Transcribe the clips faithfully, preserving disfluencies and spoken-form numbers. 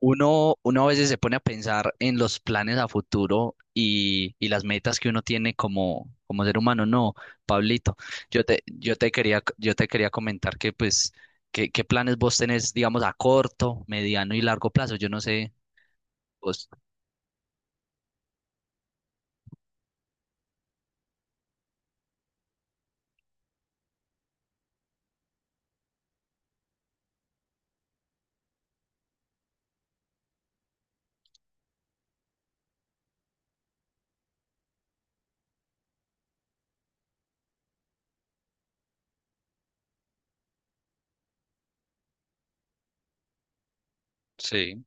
Uno, uno a veces se pone a pensar en los planes a futuro y, y las metas que uno tiene como, como ser humano. No, Pablito, yo te, yo te quería, yo te quería comentar que pues, ¿qué, qué planes vos tenés, digamos, a corto, mediano y largo plazo? Yo no sé, vos. Sí.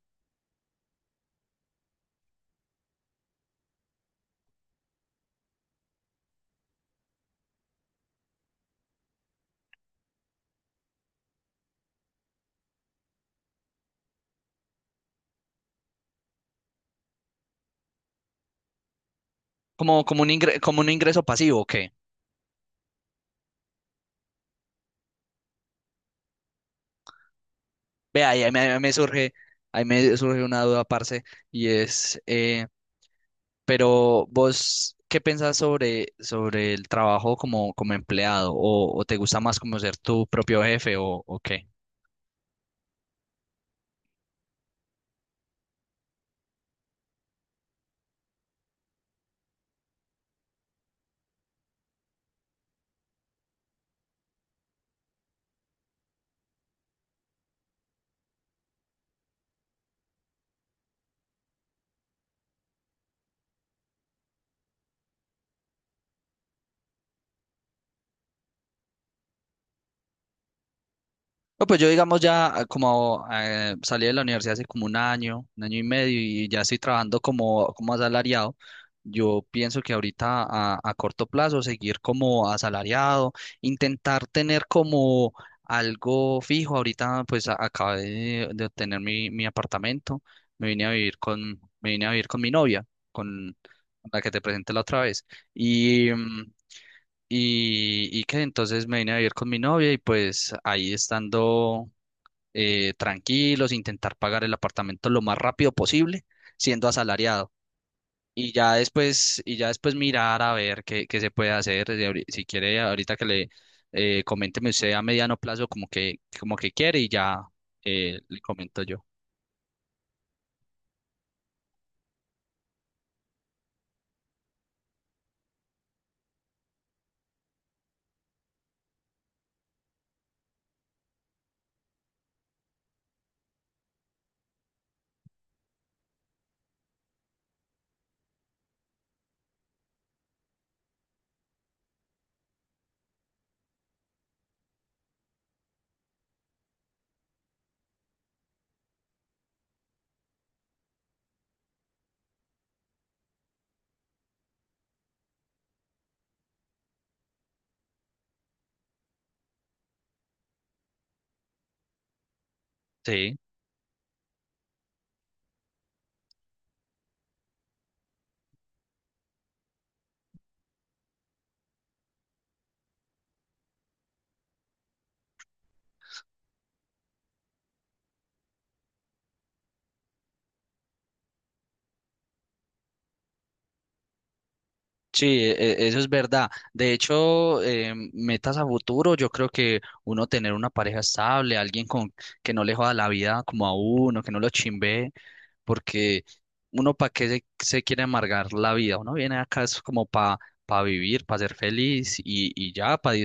Como, como un ingre- como un ingreso pasivo, ¿ok? Ve, ahí, ahí me ahí me surge, ahí me surge una duda, parce, y es, eh, pero vos, ¿qué pensás sobre, sobre el trabajo como, como empleado? ¿O, o te gusta más como ser tu propio jefe o, o qué? No, pues yo digamos ya ah, como eh, salí de la universidad hace como un año, un año y medio y ya estoy trabajando como, como asalariado. Yo pienso que ahorita a, a corto plazo seguir como asalariado, intentar tener como algo fijo. Ahorita pues a- acabé de, de obtener mi, mi apartamento, me vine a vivir con, me vine a vivir con mi novia, con la que te presenté la otra vez. Y, mm, y, y que entonces me vine a vivir con mi novia y pues ahí estando eh, tranquilos, intentar pagar el apartamento lo más rápido posible, siendo asalariado. Y ya después, y ya después mirar a ver qué, qué se puede hacer. Si, ahori- si quiere, Ahorita que le eh, coménteme usted a mediano plazo como que, como que quiere y ya eh, le comento yo. Sí. Sí, e- e- eso es verdad. De hecho, eh, metas a futuro, yo creo que uno tener una pareja estable, alguien con que no le joda la vida como a uno, que no lo chimbe, porque uno para qué se, se quiere amargar la vida, uno viene acá es como para vivir, para ser feliz y, y ya, para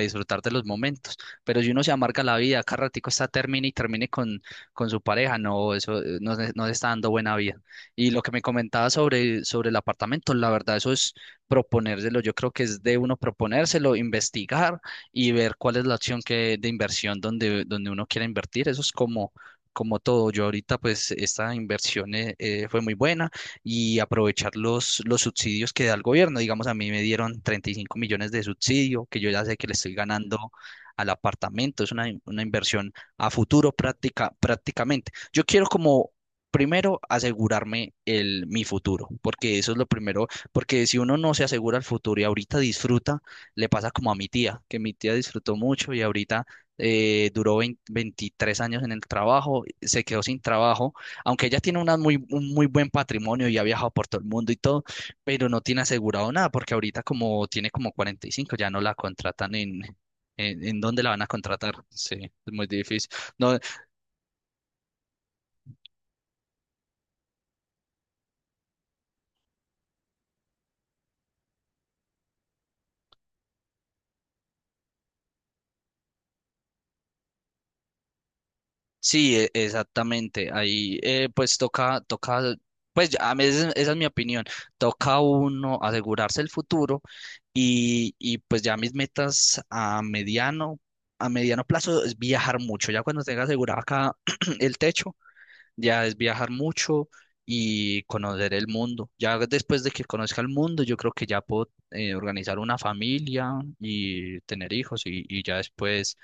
disfrutar de los momentos. Pero si uno se amarga la vida, cada ratico está termine y termine con, con su pareja, no, eso eh, no, se- no se está dando buena vida. Y lo que me comentaba sobre, sobre el apartamento, la verdad, eso es proponérselo. Yo creo que es de uno proponérselo, investigar y ver cuál es la acción que, de inversión donde, donde uno quiera invertir. Eso es como, como todo. Yo ahorita, pues, esta inversión eh, eh, fue muy buena y aprovechar los, los subsidios que da el gobierno. Digamos, a mí me dieron treinta y cinco millones de subsidio, que yo ya sé que le estoy ganando al apartamento, es una, in- una inversión a futuro práctica, prácticamente. Yo quiero como primero asegurarme el, mi futuro, porque eso es lo primero, porque si uno no se asegura el futuro y ahorita disfruta, le pasa como a mi tía, que mi tía disfrutó mucho y ahorita eh, duró veinte veintitrés años en el trabajo, se quedó sin trabajo, aunque ella tiene una muy, un muy buen patrimonio y ha viajado por todo el mundo y todo, pero no tiene asegurado nada, porque ahorita como tiene como cuarenta y cinco, ya no la contratan en... ¿En, en dónde la van a contratar? Sí, es muy difícil. No, sí, e- exactamente. Ahí eh, pues toca, toca, pues ya, a mí esa esa es mi opinión. Toca uno asegurarse el futuro y, y pues ya mis metas a mediano, a mediano plazo es viajar mucho. Ya cuando tenga asegurado acá el techo, ya es viajar mucho y conocer el mundo. Ya después de que conozca el mundo, yo creo que ya puedo eh, organizar una familia y tener hijos y, y ya después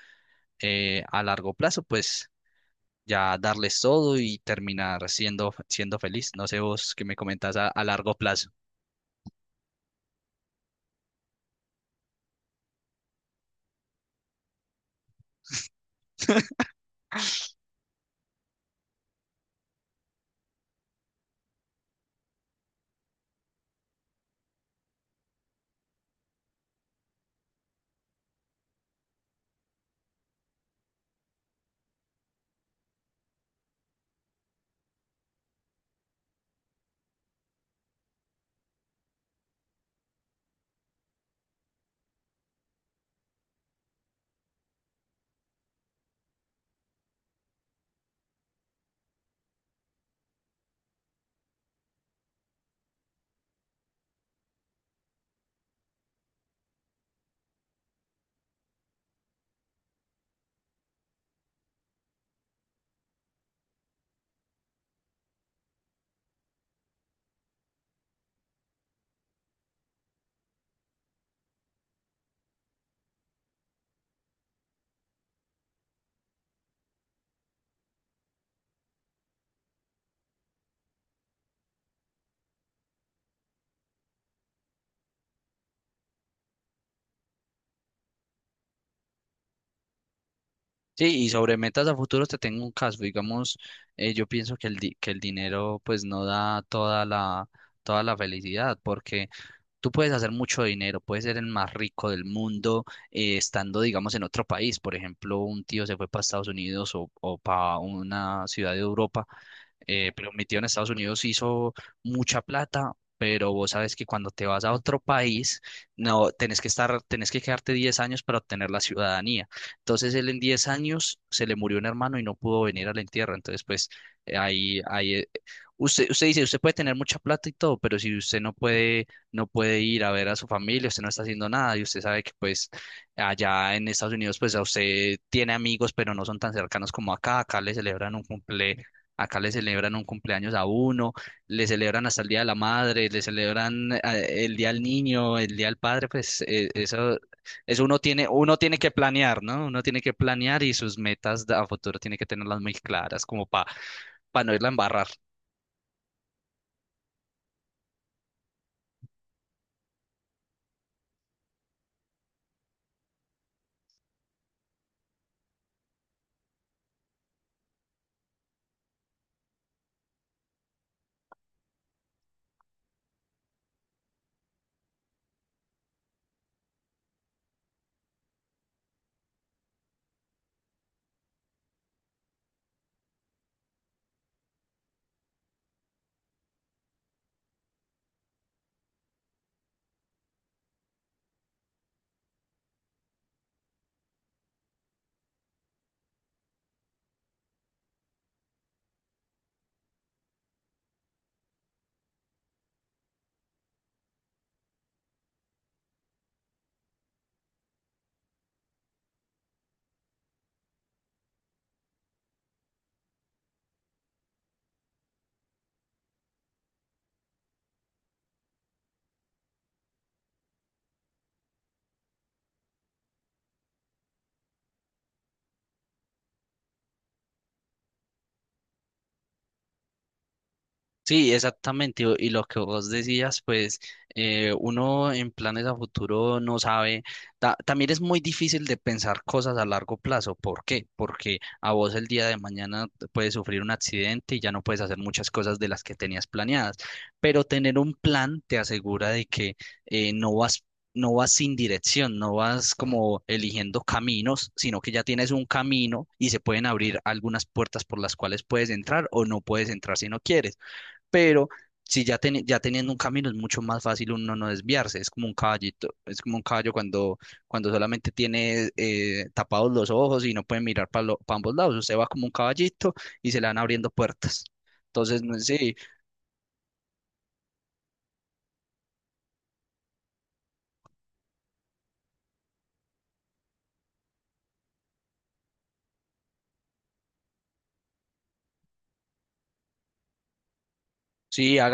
eh, a largo plazo, pues ya darles todo y terminar siendo, siendo feliz. No sé vos qué me comentas a, a largo plazo. Sí, y sobre metas a futuro te tengo un caso. Digamos, eh, yo pienso que el, di- que el dinero pues no da toda la, toda la felicidad, porque tú puedes hacer mucho dinero, puedes ser el más rico del mundo eh, estando, digamos, en otro país. Por ejemplo, un tío se fue para Estados Unidos o, o para una ciudad de Europa eh, pero metido en Estados Unidos hizo mucha plata, pero vos sabes que cuando te vas a otro país, no, tenés que estar, tenés que quedarte diez años para obtener la ciudadanía. Entonces él en diez años se le murió un hermano y no pudo venir al entierro. Entonces, pues eh, ahí, ahí, eh, usted, usted dice, usted puede tener mucha plata y todo, pero si usted no puede, no puede ir a ver a su familia, usted no está haciendo nada y usted sabe que pues allá en Estados Unidos, pues a usted tiene amigos, pero no son tan cercanos como acá. Acá le celebran un cumple Acá le celebran un cumpleaños a uno, le celebran hasta el Día de la Madre, le celebran eh, el Día del Niño, el Día del Padre, pues eh, eso, eso uno tiene, uno tiene que planear, ¿no? Uno tiene que planear y sus metas de- a futuro tiene que tenerlas muy claras, como para no irla a embarrar. Sí, exactamente. Y y lo que vos decías, pues eh, uno en planes a futuro no sabe. Ta- también es muy difícil de pensar cosas a largo plazo. ¿Por qué? Porque a vos el día de mañana te puedes sufrir un accidente y ya no puedes hacer muchas cosas de las que tenías planeadas. Pero tener un plan te asegura de que eh, no vas, no vas sin dirección, no vas como eligiendo caminos, sino que ya tienes un camino y se pueden abrir algunas puertas por las cuales puedes entrar o no puedes entrar si no quieres, pero si ya, teni- ya teniendo un camino es mucho más fácil uno no desviarse, es como un caballito, es como un caballo cuando, cuando solamente tiene eh, tapados los ojos y no puede mirar para ambos lados, usted va como un caballito y se le van abriendo puertas. Entonces, no, sí, Sí, haga.